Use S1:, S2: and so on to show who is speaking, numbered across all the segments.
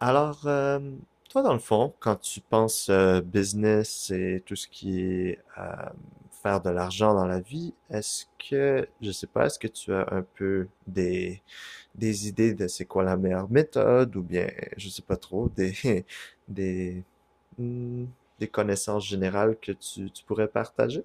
S1: Alors, euh, toi, dans le fond, quand tu penses business et tout ce qui est faire de l'argent dans la vie, est-ce que, je sais pas, est-ce que tu as un peu des idées de c'est quoi la meilleure méthode ou bien, je sais pas trop, des, des, hmm, des connaissances générales que tu pourrais partager?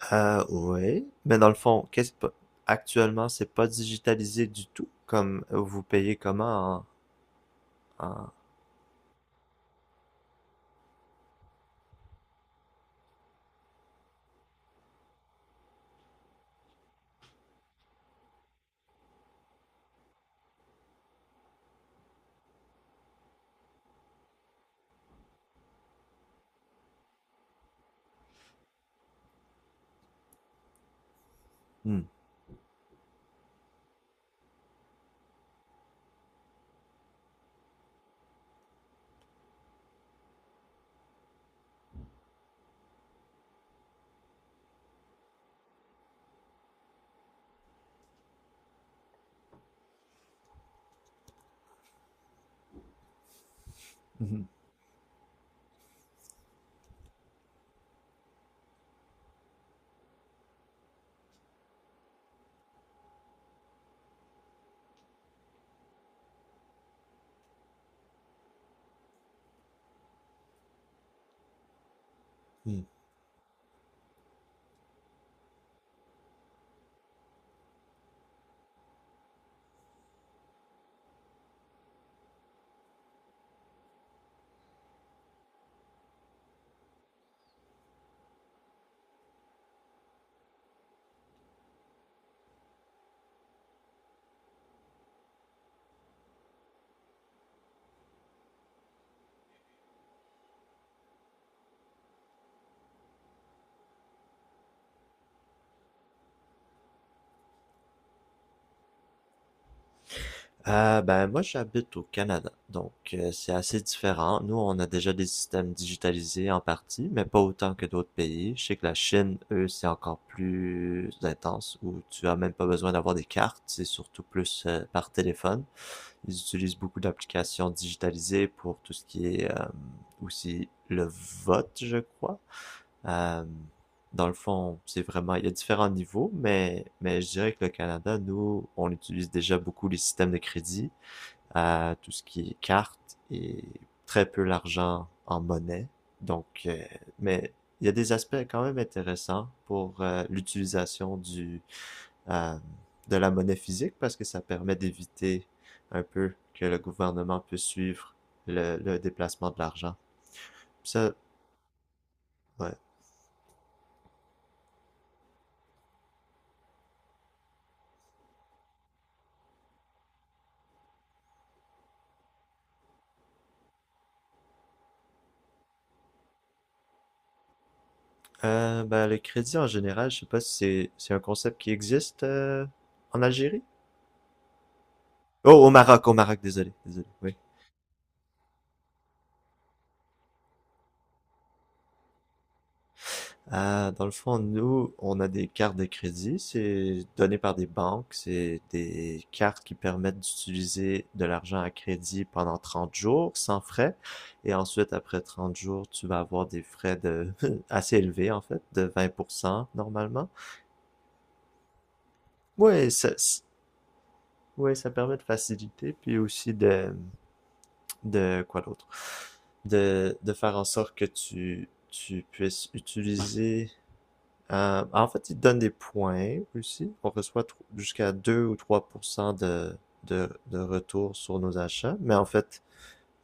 S1: Ah, oui. Mais dans le fond, qu'est-ce pas- actuellement, c'est pas digitalisé du tout, comme vous payez comment en, en... Hmm. Mhm. Hmm. Ben moi j'habite au Canada, c'est assez différent. Nous on a déjà des systèmes digitalisés en partie, mais pas autant que d'autres pays. Je sais que la Chine, eux, c'est encore plus intense, où tu as même pas besoin d'avoir des cartes, c'est surtout plus par téléphone. Ils utilisent beaucoup d'applications digitalisées pour tout ce qui est aussi le vote, je crois. Euh, Dans le fond, c'est vraiment, il y a différents niveaux, mais je dirais que le Canada, nous, on utilise déjà beaucoup les systèmes de crédit à tout ce qui est cartes et très peu l'argent en monnaie. Donc, euh, mais il y a des aspects quand même intéressants pour l'utilisation du euh, de la monnaie physique parce que ça permet d'éviter un peu que le gouvernement puisse suivre le déplacement de l'argent. Ça, ouais. Ben, le crédit en général, je sais pas si c'est un concept qui existe en Algérie. Oh, au Maroc, désolé, désolé. Oui. Ah, dans le fond, nous, on a des cartes de crédit, c'est donné par des banques, c'est des cartes qui permettent d'utiliser de l'argent à crédit pendant 30 jours sans frais. Et ensuite, après 30 jours, tu vas avoir des frais de assez élevés, en fait, de 20% normalement. Ouais, ouais, ça permet de faciliter, puis aussi de quoi d'autre? De faire en sorte que tu puisses utiliser. En fait, il donne des points aussi. On reçoit jusqu'à 2 ou 3% de retour sur nos achats. Mais en fait,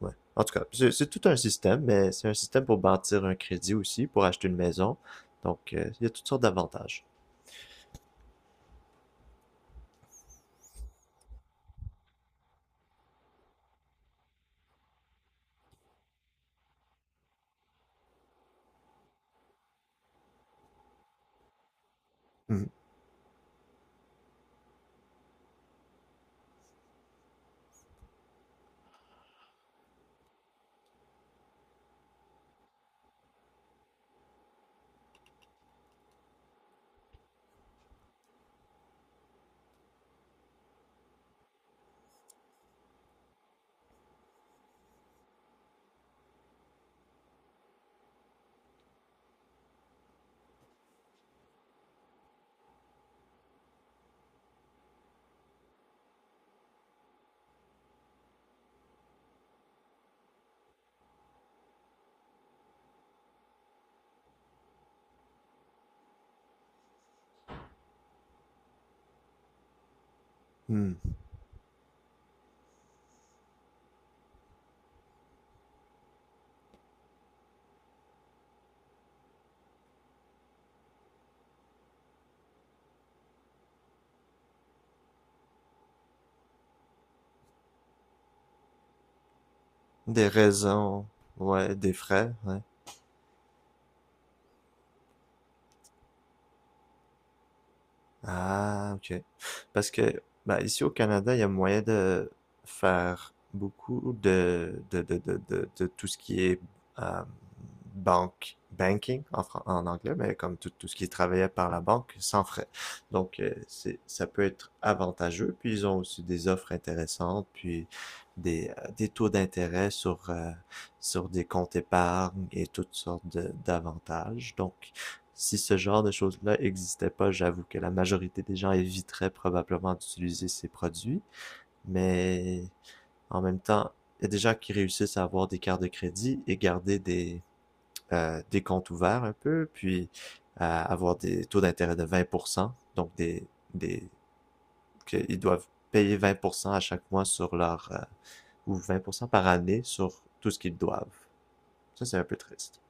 S1: ouais. En tout cas, c'est tout un système, mais c'est un système pour bâtir un crédit aussi, pour acheter une maison. Il y a toutes sortes d'avantages. Mhm. Mhm. Des raisons, ouais, des frais, ouais. Ah, ok. Parce que bah, ici au Canada, il y a moyen de faire beaucoup de tout ce qui est euh, banque, banking en anglais, mais comme tout, tout ce qui est travaillé par la banque sans frais. C'est, ça peut être avantageux. Puis, ils ont aussi des offres intéressantes, puis des taux d'intérêt sur des comptes épargne et toutes sortes d'avantages. Donc, si ce genre de choses-là n'existait pas, j'avoue que la majorité des gens éviteraient probablement d'utiliser ces produits, mais en même temps, il y a des gens qui réussissent à avoir des cartes de crédit et garder des comptes ouverts un peu, puis avoir des taux d'intérêt de 20%, donc des qu'ils doivent payer 20% à chaque mois sur ou 20% par année sur tout ce qu'ils doivent. Ça, c'est un peu triste.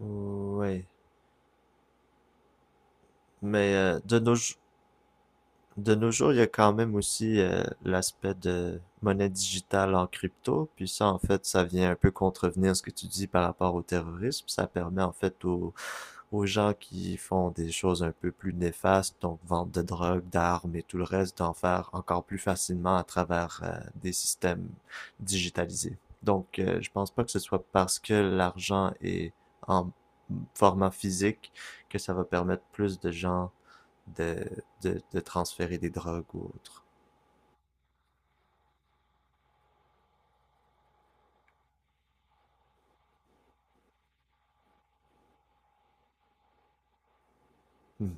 S1: Oui. Mais euh, de nos De nos jours, il y a quand même aussi l'aspect de monnaie digitale en crypto. Puis ça, en fait, ça vient un peu contrevenir ce que tu dis par rapport au terrorisme. Ça permet en fait aux gens qui font des choses un peu plus néfastes, donc vente de drogue, d'armes et tout le reste, d'en faire encore plus facilement à travers des systèmes digitalisés. Je pense pas que ce soit parce que l'argent est en format physique que ça va permettre plus de gens de, de transférer des drogues ou autre. Mhm.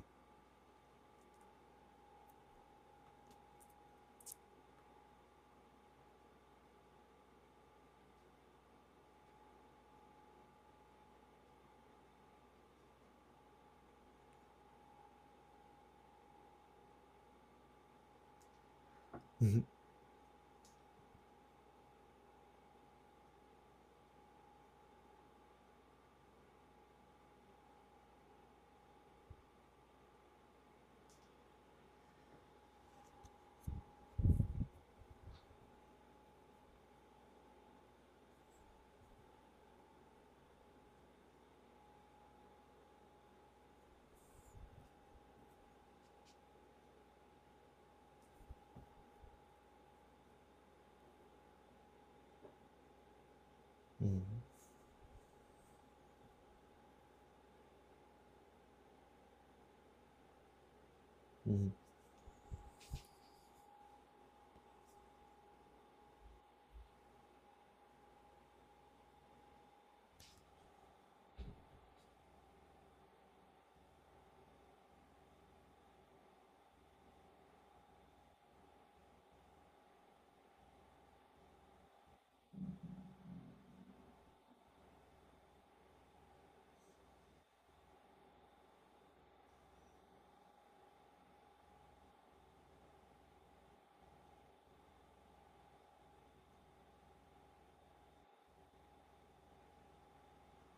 S1: Mhm. Mhm.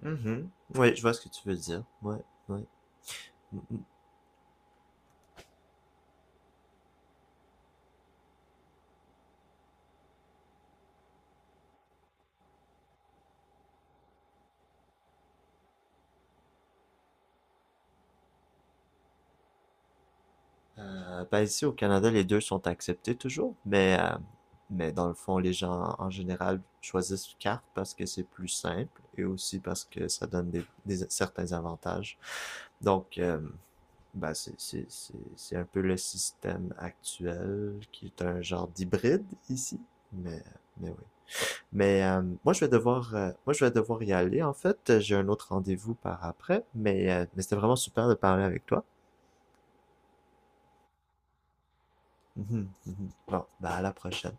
S1: Mhm. Oui, je vois ce que tu veux dire. Ouais, ouais. Mhm. Ben ici au Canada, les deux sont acceptés toujours, mais dans le fond, les gens en général choisissent carte parce que c'est plus simple et aussi parce que ça donne certains avantages. Donc, euh, ben c'est un peu le système actuel qui est un genre d'hybride ici, mais, mais oui. Moi, je vais devoir y aller en fait. J'ai un autre rendez-vous par après, mais c'était vraiment super de parler avec toi. Mhm, mhm. Bon, bah à la prochaine.